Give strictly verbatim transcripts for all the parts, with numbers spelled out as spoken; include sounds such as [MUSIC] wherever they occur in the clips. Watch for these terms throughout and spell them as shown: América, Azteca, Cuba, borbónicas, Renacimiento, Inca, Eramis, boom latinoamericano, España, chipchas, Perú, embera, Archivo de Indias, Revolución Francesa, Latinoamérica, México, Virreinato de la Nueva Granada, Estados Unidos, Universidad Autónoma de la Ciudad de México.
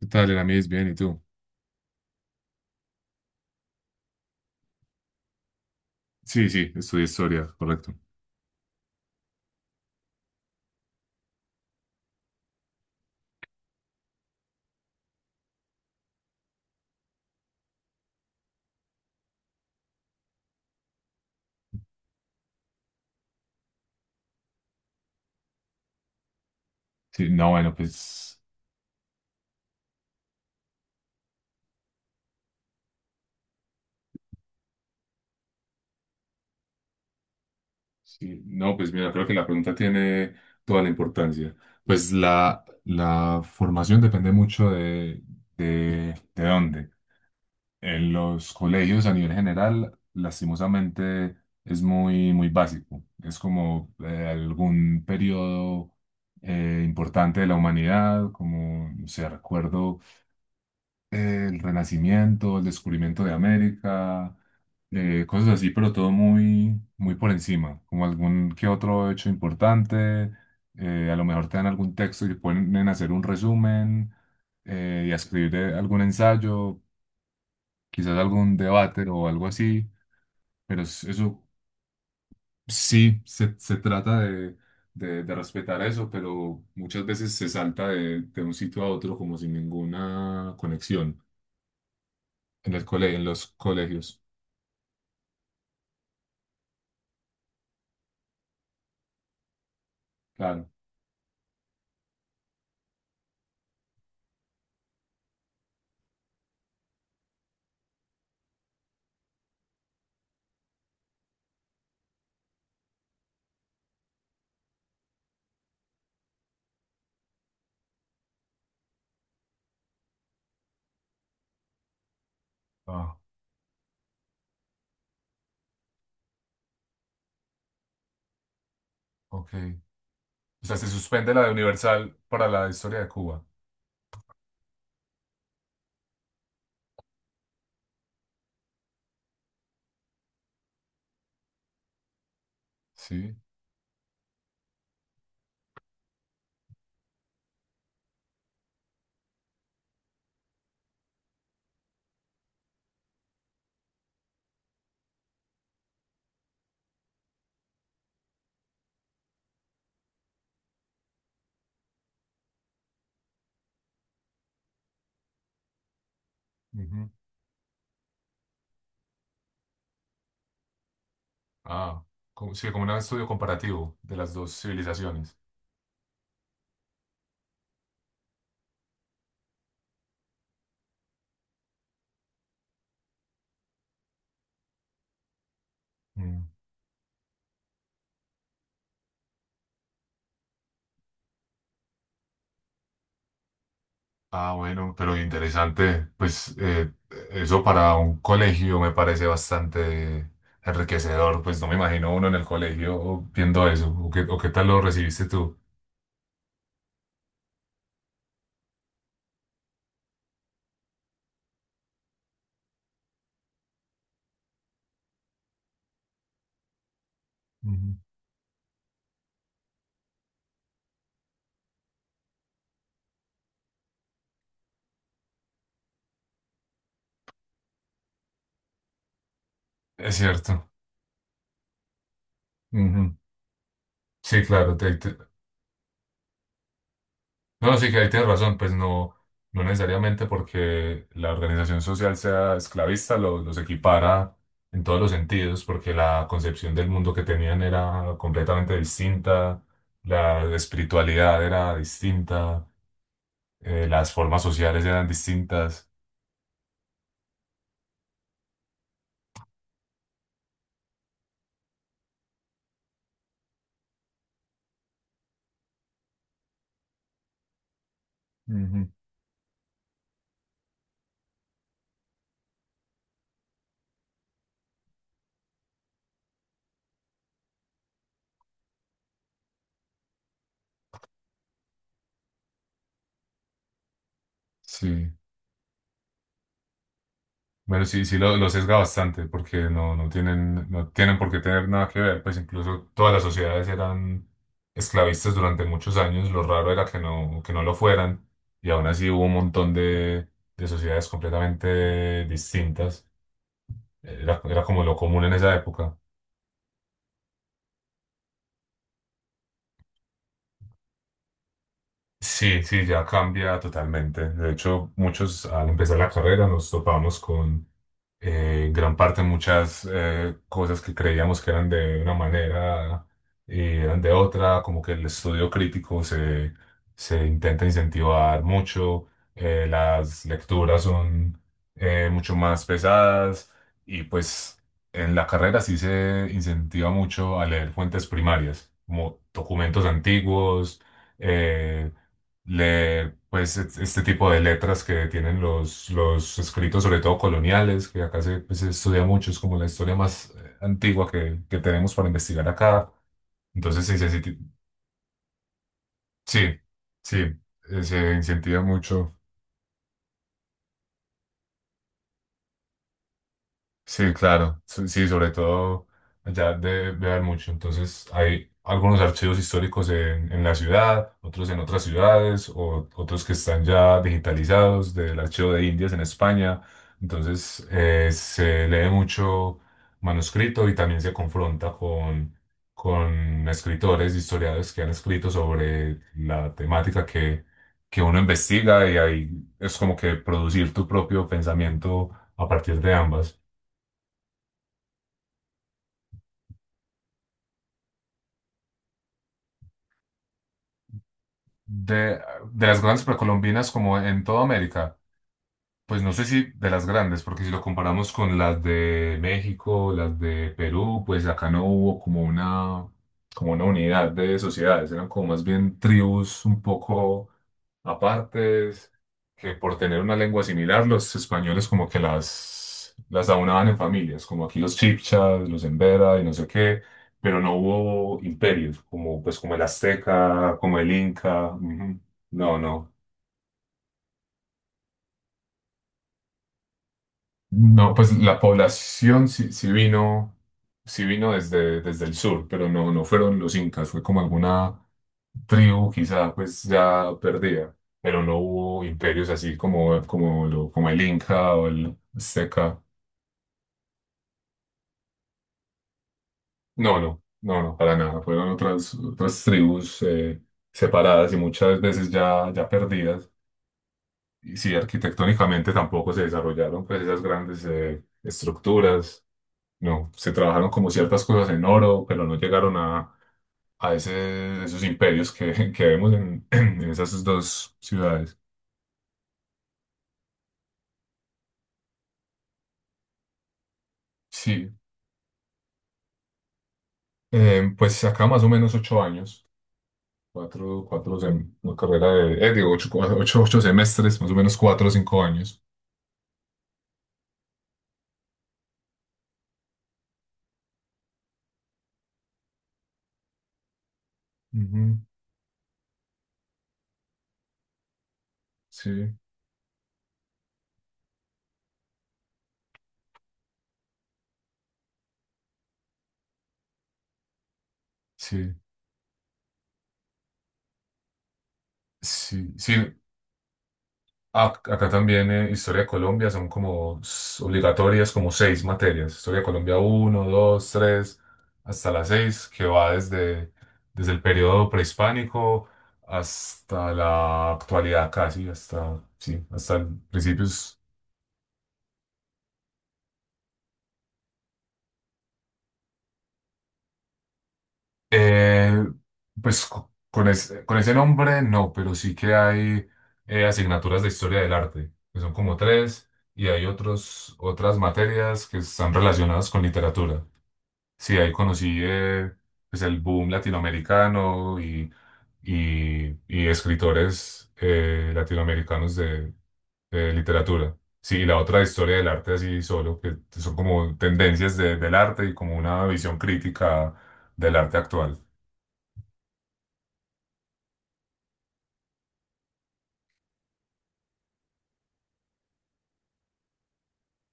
¿Qué tal, Eramis? Bien, ¿y tú? Sí, sí, estudié historia, correcto. Sí, no, bueno, pues, sí, no, pues mira, creo que la pregunta tiene toda la importancia. Pues la, la formación depende mucho de, de, de dónde. En los colegios, a nivel general, lastimosamente es muy, muy básico. Es como eh, algún periodo eh, importante de la humanidad, como, no sé, recuerdo el Renacimiento, el descubrimiento de América, eh, cosas así, pero todo muy, muy por encima, como algún que otro hecho importante, eh, a lo mejor te dan algún texto y te ponen a hacer un resumen eh, y a escribir eh, algún ensayo, quizás algún debate o algo así, pero es- eso sí se, se trata de, de, de respetar eso, pero muchas veces se salta de, de un sitio a otro como sin ninguna conexión en el cole, en los colegios. Claro. Ah, ok. O sea, se suspende la de Universal para la historia de Cuba. Sí. Ujú. Ah, como, sí, como un estudio comparativo de las dos civilizaciones. Mm. Ah, bueno, pero interesante. Pues eh, eso para un colegio me parece bastante enriquecedor. Pues no me imagino uno en el colegio viendo eso. ¿O qué, o qué tal lo recibiste tú? Ujú. Es cierto. Ujú. Sí, claro. te. te- No, sí que ahí tienes razón, pues no, no necesariamente porque la organización social sea esclavista lo- los equipara en todos los sentidos, porque la concepción del mundo que tenían era completamente distinta, la espiritualidad era distinta, eh, las formas sociales eran distintas. Ujú. Sí. Bueno, sí, sí lo, lo sesga bastante porque no, no tienen, no tienen por qué tener nada que ver, pues incluso todas las sociedades eran esclavistas durante muchos años, lo raro era que no, que no lo fueran, y aún así hubo un montón de, de sociedades completamente distintas, era, era como lo común en esa época. Sí, sí, ya cambia totalmente. De hecho, muchos al empezar la carrera nos topamos con eh, en gran parte muchas eh, cosas que creíamos que eran de una manera y eran de otra, como que el estudio crítico se, se intenta incentivar mucho, eh, las lecturas son eh, mucho más pesadas y pues en la carrera sí se incentiva mucho a leer fuentes primarias, como documentos antiguos eh, le, pues et- este tipo de letras que tienen los, los escritos, sobre todo coloniales, que acá se, pues, se estudia mucho, es como la historia más eh, antigua que, que tenemos para investigar acá. Entonces, sí, sí, sí, sí, sí, eh, se incentiva mucho. Sí, claro, sí, sí, sobre todo allá debe debe haber mucho. Entonces, hay algunos archivos históricos en, en la ciudad, otros en otras ciudades, o otros que están ya digitalizados del Archivo de Indias en España. Entonces, eh, se lee mucho manuscrito y también se confronta con, con escritores, historiadores que han escrito sobre la temática que, que uno investiga y ahí es como que producir tu propio pensamiento a partir de ambas. de, de las grandes precolombinas como en toda América, pues no sé si de las grandes, porque si lo comparamos con las de México, las de Perú, pues acá no hubo como una, como una unidad de sociedades, eran como más bien tribus un poco. Aparte, es que por tener una lengua similar, los españoles como que las, las aunaban en familias, como aquí los chipchas, los embera y no sé qué, pero no hubo imperios, como, pues, como el azteca, como el inca. Ujú. No, no. No, pues la población sí, sí vino, sí vino desde, desde el sur, pero no, no fueron los incas, fue como alguna tribu quizá pues ya perdida, pero no hubo imperios así como, como, lo, como el Inca o el Azteca. No, no, no, no, para nada. Fueron otras, otras tribus eh, separadas y muchas veces ya, ya perdidas. Y sí, arquitectónicamente tampoco se desarrollaron pues esas grandes eh, estructuras. No, se trabajaron como ciertas cosas en oro, pero no llegaron a, a ese, esos imperios que, [LAUGHS] que vemos en, [CLEARS THROAT] en esas dos ciudades. Sí, eh, pues acá más o menos ocho años, cuatro, cuatro sem- una carrera de, eh, digo, ocho, cua- ocho, ocho semestres, más o menos cuatro o cinco años. Ujú. Sí, sí, sí, sí. Ac- Acá también eh, Historia de Colombia son como s- obligatorias, como seis materias. Historia de Colombia uno dos tres hasta la seis que va desde, desde el periodo prehispánico hasta la actualidad casi, hasta, sí, hasta el- principios. Eh, pues co- con, ese, con ese nombre no, pero sí que hay eh, asignaturas de Historia del Arte, que son como tres, y hay otros, otras materias que están relacionadas con literatura. Sí, ahí conocí eh, pues el boom latinoamericano y, y, y escritores eh, latinoamericanos de, de literatura. Sí, y la otra historia del arte así solo, que son como tendencias de- del arte y como una visión crítica del arte actual.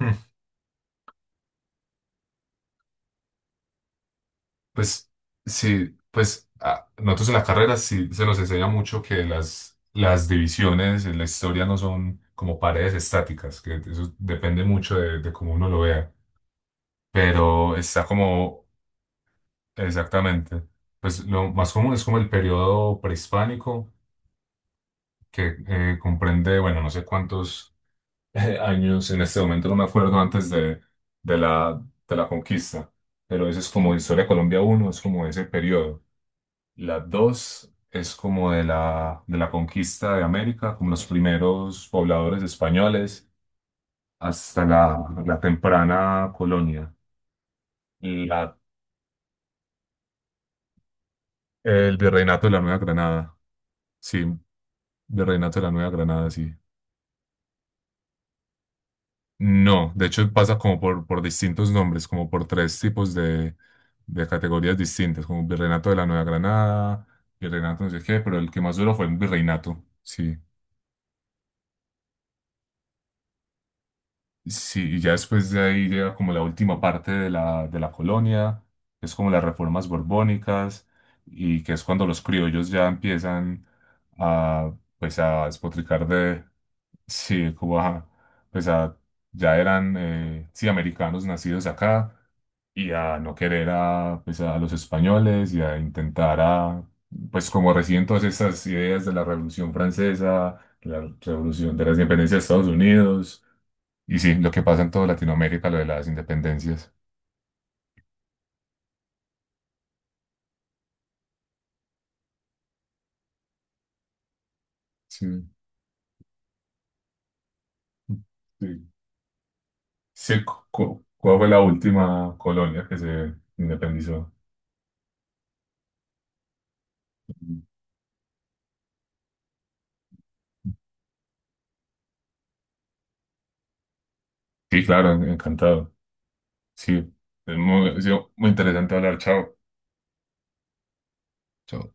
Hmm. Pues sí, pues a- nosotros en la carrera sí se nos enseña mucho que las, las divisiones en la historia no son como paredes estáticas, que eso depende mucho de, de cómo uno lo vea. Pero está como exactamente, pues lo más común es como el periodo prehispánico, que eh, comprende, bueno, no sé cuántos eh, años, en este momento no me acuerdo antes de, de la, de la conquista, pero eso es como Historia de Colombia uno es como ese periodo. La dos es como de la, de la conquista de América, como los primeros pobladores españoles, hasta la, la temprana colonia. La, el virreinato de la Nueva Granada. Sí, Virreinato de la Nueva Granada, sí. No, de hecho pasa como por, por distintos nombres, como por tres tipos de, de categorías distintas, como Virreinato de la Nueva Granada, Virreinato no sé qué, pero el que más duró fue el Virreinato, sí. Sí, y ya después de ahí llega como la última parte de la, de la colonia, que es como las reformas borbónicas, y que es cuando los criollos ya empiezan a, pues a despotricar de, sí, como a, pues a, ya eran, eh, sí, americanos nacidos acá, y a no querer a, pues, a los españoles y a intentar a, pues como recién todas esas ideas de la Revolución Francesa, la Revolución de las Independencias de Estados Unidos, y sí, lo que pasa en toda Latinoamérica, lo de las independencias. Sí. Sí. Sí, cu- cu- ¿cuál fue la última colonia que se independizó? Sí, claro, encantado. Sí, es muy, ha sido muy interesante hablar. Chao. Chao.